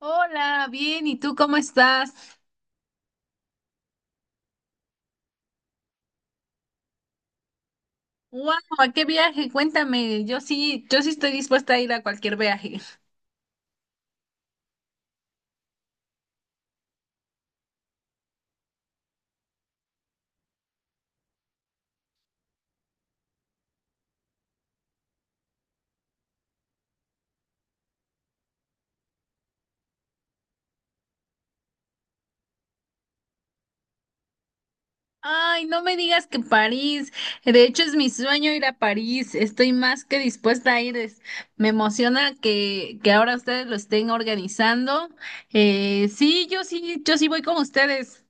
Hola, bien, ¿y tú cómo estás? ¡Wow! ¿A qué viaje? Cuéntame, yo sí estoy dispuesta a ir a cualquier viaje. Ay, no me digas que París. De hecho, es mi sueño ir a París. Estoy más que dispuesta a ir. Me emociona que ahora ustedes lo estén organizando. Sí, yo sí voy con ustedes.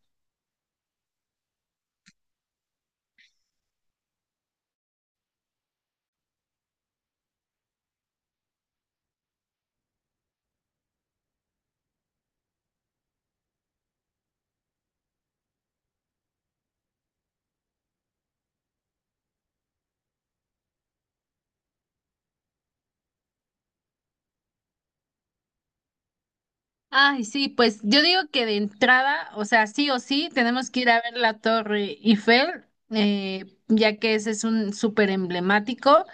Ay, sí, pues yo digo que de entrada, o sea, sí o sí, tenemos que ir a ver la Torre Eiffel, ya que ese es un súper emblemático.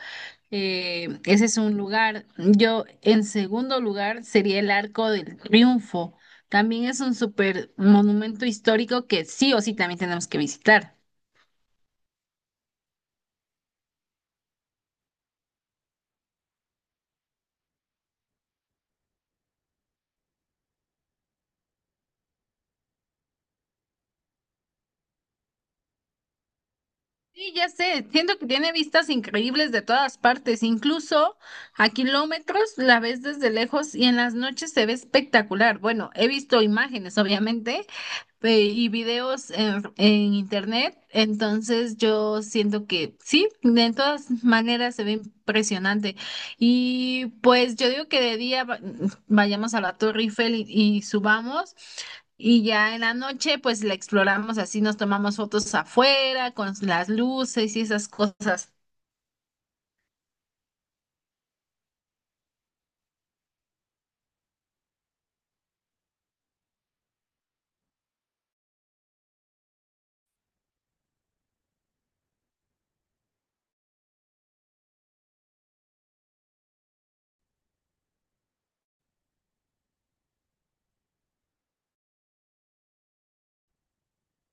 Ese es un lugar. Yo, en segundo lugar, sería el Arco del Triunfo. También es un super monumento histórico que sí o sí también tenemos que visitar. Sí, ya sé, siento que tiene vistas increíbles de todas partes, incluso a kilómetros la ves desde lejos y en las noches se ve espectacular. Bueno, he visto imágenes, obviamente, y videos en internet. Entonces yo siento que sí, de todas maneras se ve impresionante. Y pues yo digo que vayamos a la Torre Eiffel y subamos. Y ya en la noche, pues la exploramos así, nos tomamos fotos afuera con las luces y esas cosas.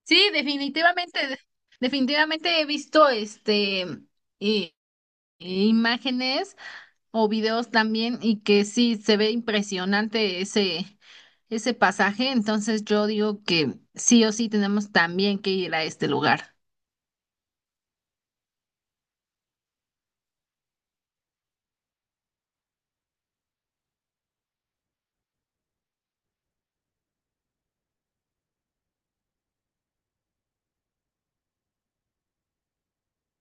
Sí, definitivamente, definitivamente he visto i- imágenes o videos también, y que sí se ve impresionante ese pasaje. Entonces yo digo que sí o sí tenemos también que ir a este lugar.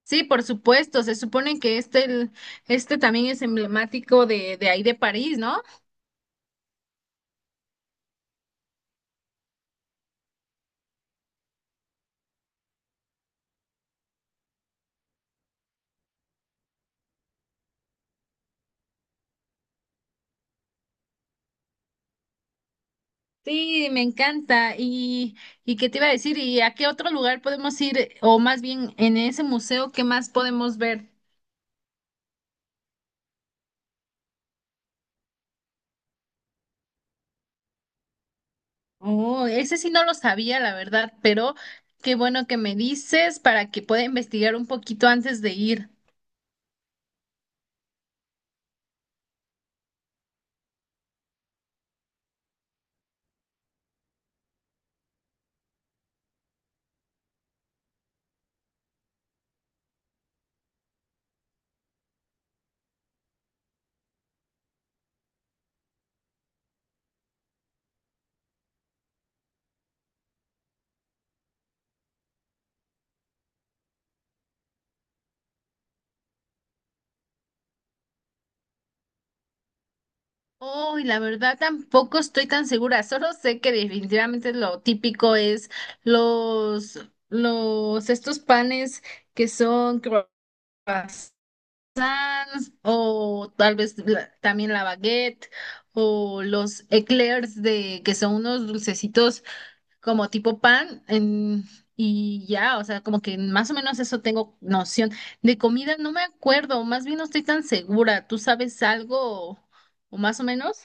Sí, por supuesto, se supone que este también es emblemático de ahí de París, ¿no? Sí, me encanta. Y qué te iba a decir, ¿y a qué otro lugar podemos ir o más bien en ese museo qué más podemos ver? Oh, ese sí no lo sabía, la verdad, pero qué bueno que me dices para que pueda investigar un poquito antes de ir. Oh, y la verdad tampoco estoy tan segura, solo sé que definitivamente lo típico es los, estos panes que son croissants, o tal vez también la baguette, o los eclairs de, que son unos dulcecitos como tipo y ya, o sea, como que más o menos eso tengo noción. De comida no me acuerdo, más bien no estoy tan segura. ¿Tú sabes algo o, o más o menos?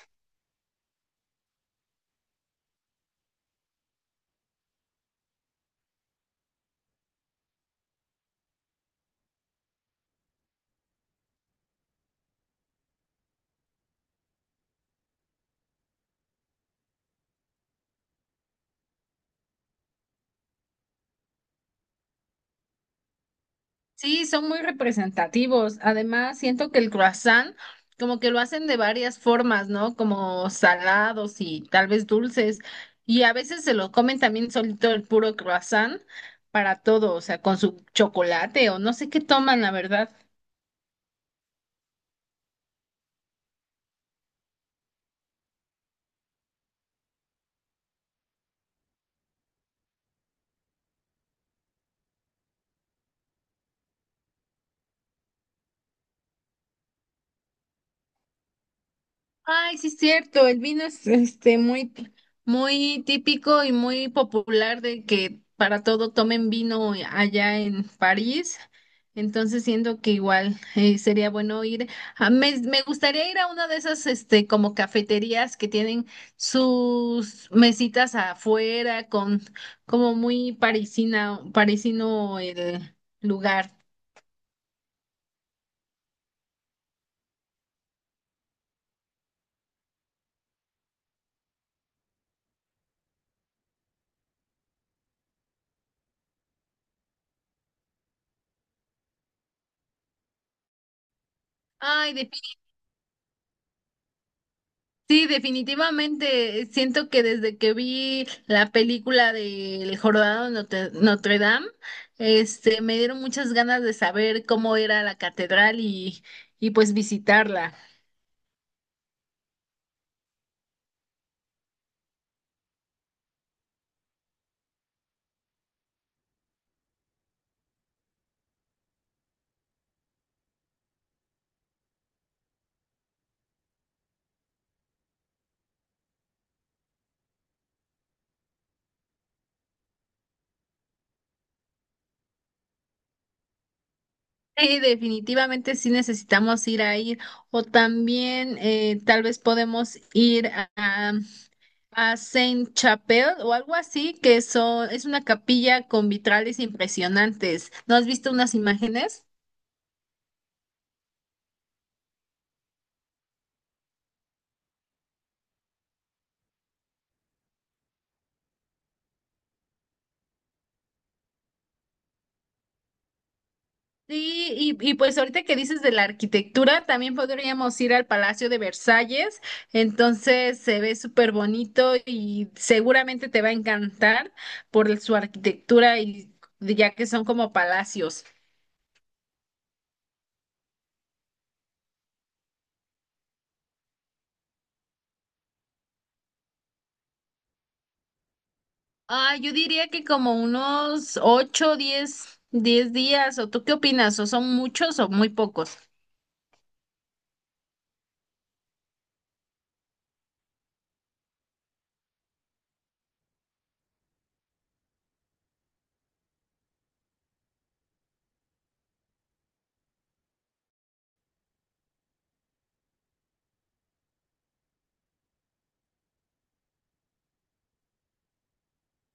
Sí, son muy representativos. Además, siento que el croissant como que lo hacen de varias formas, ¿no? Como salados y tal vez dulces. Y a veces se lo comen también solito el puro croissant para todo, o sea, con su chocolate o no sé qué toman, la verdad. Ay, sí es cierto, el vino es este muy, muy típico y muy popular, de que para todo tomen vino allá en París. Entonces siento que igual sería bueno ir. Me gustaría ir a una de esas este como cafeterías que tienen sus mesitas afuera, con como muy parisina, parisino el lugar. Ay, sí, definitivamente. Siento que desde que vi la película del Jorobado de Notre Dame, este, me dieron muchas ganas de saber cómo era la catedral y pues visitarla. Sí, definitivamente sí necesitamos ir a ir. O también tal vez podemos ir a Saint-Chapelle o algo así, que es una capilla con vitrales impresionantes. ¿No has visto unas imágenes? Sí, y pues ahorita que dices de la arquitectura, también podríamos ir al Palacio de Versalles. Entonces se ve súper bonito y seguramente te va a encantar por su arquitectura, y ya que son como palacios. Ah, yo diría que como unos 8, 10, 10 días, ¿o tú qué opinas? ¿O son muchos o muy pocos?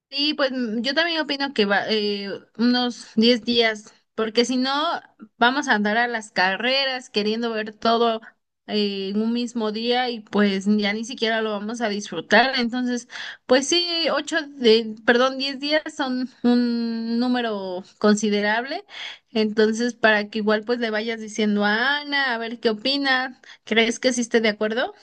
Sí, pues mm, yo también opino que va, unos 10 días, porque si no, vamos a andar a las carreras queriendo ver todo en un mismo día y pues ya ni siquiera lo vamos a disfrutar. Entonces, pues sí, ocho de, perdón, 10 días son un número considerable. Entonces, para que igual pues le vayas diciendo a Ana, a ver qué opina. ¿Crees que sí esté de acuerdo?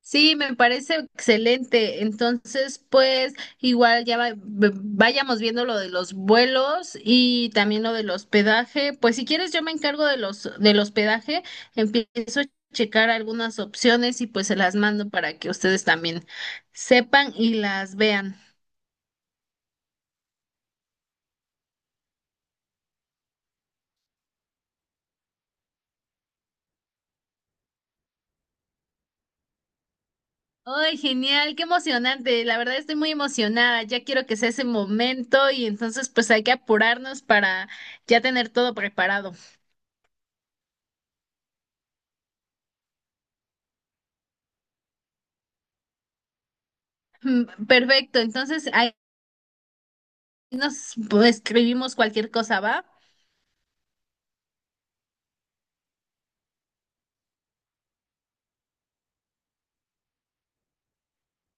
Sí, me parece excelente. Entonces, pues igual ya vayamos viendo lo de los vuelos y también lo del hospedaje. Pues si quieres, yo me encargo de los del hospedaje. Empiezo a checar algunas opciones y pues se las mando para que ustedes también sepan y las vean. ¡Ay, genial! ¡Qué emocionante! La verdad estoy muy emocionada. Ya quiero que sea ese momento, y entonces pues hay que apurarnos para ya tener todo preparado. Mm, perfecto, entonces ahí nos pues, escribimos cualquier cosa, ¿va?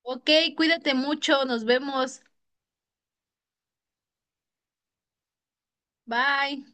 Ok, cuídate mucho, nos vemos. Bye.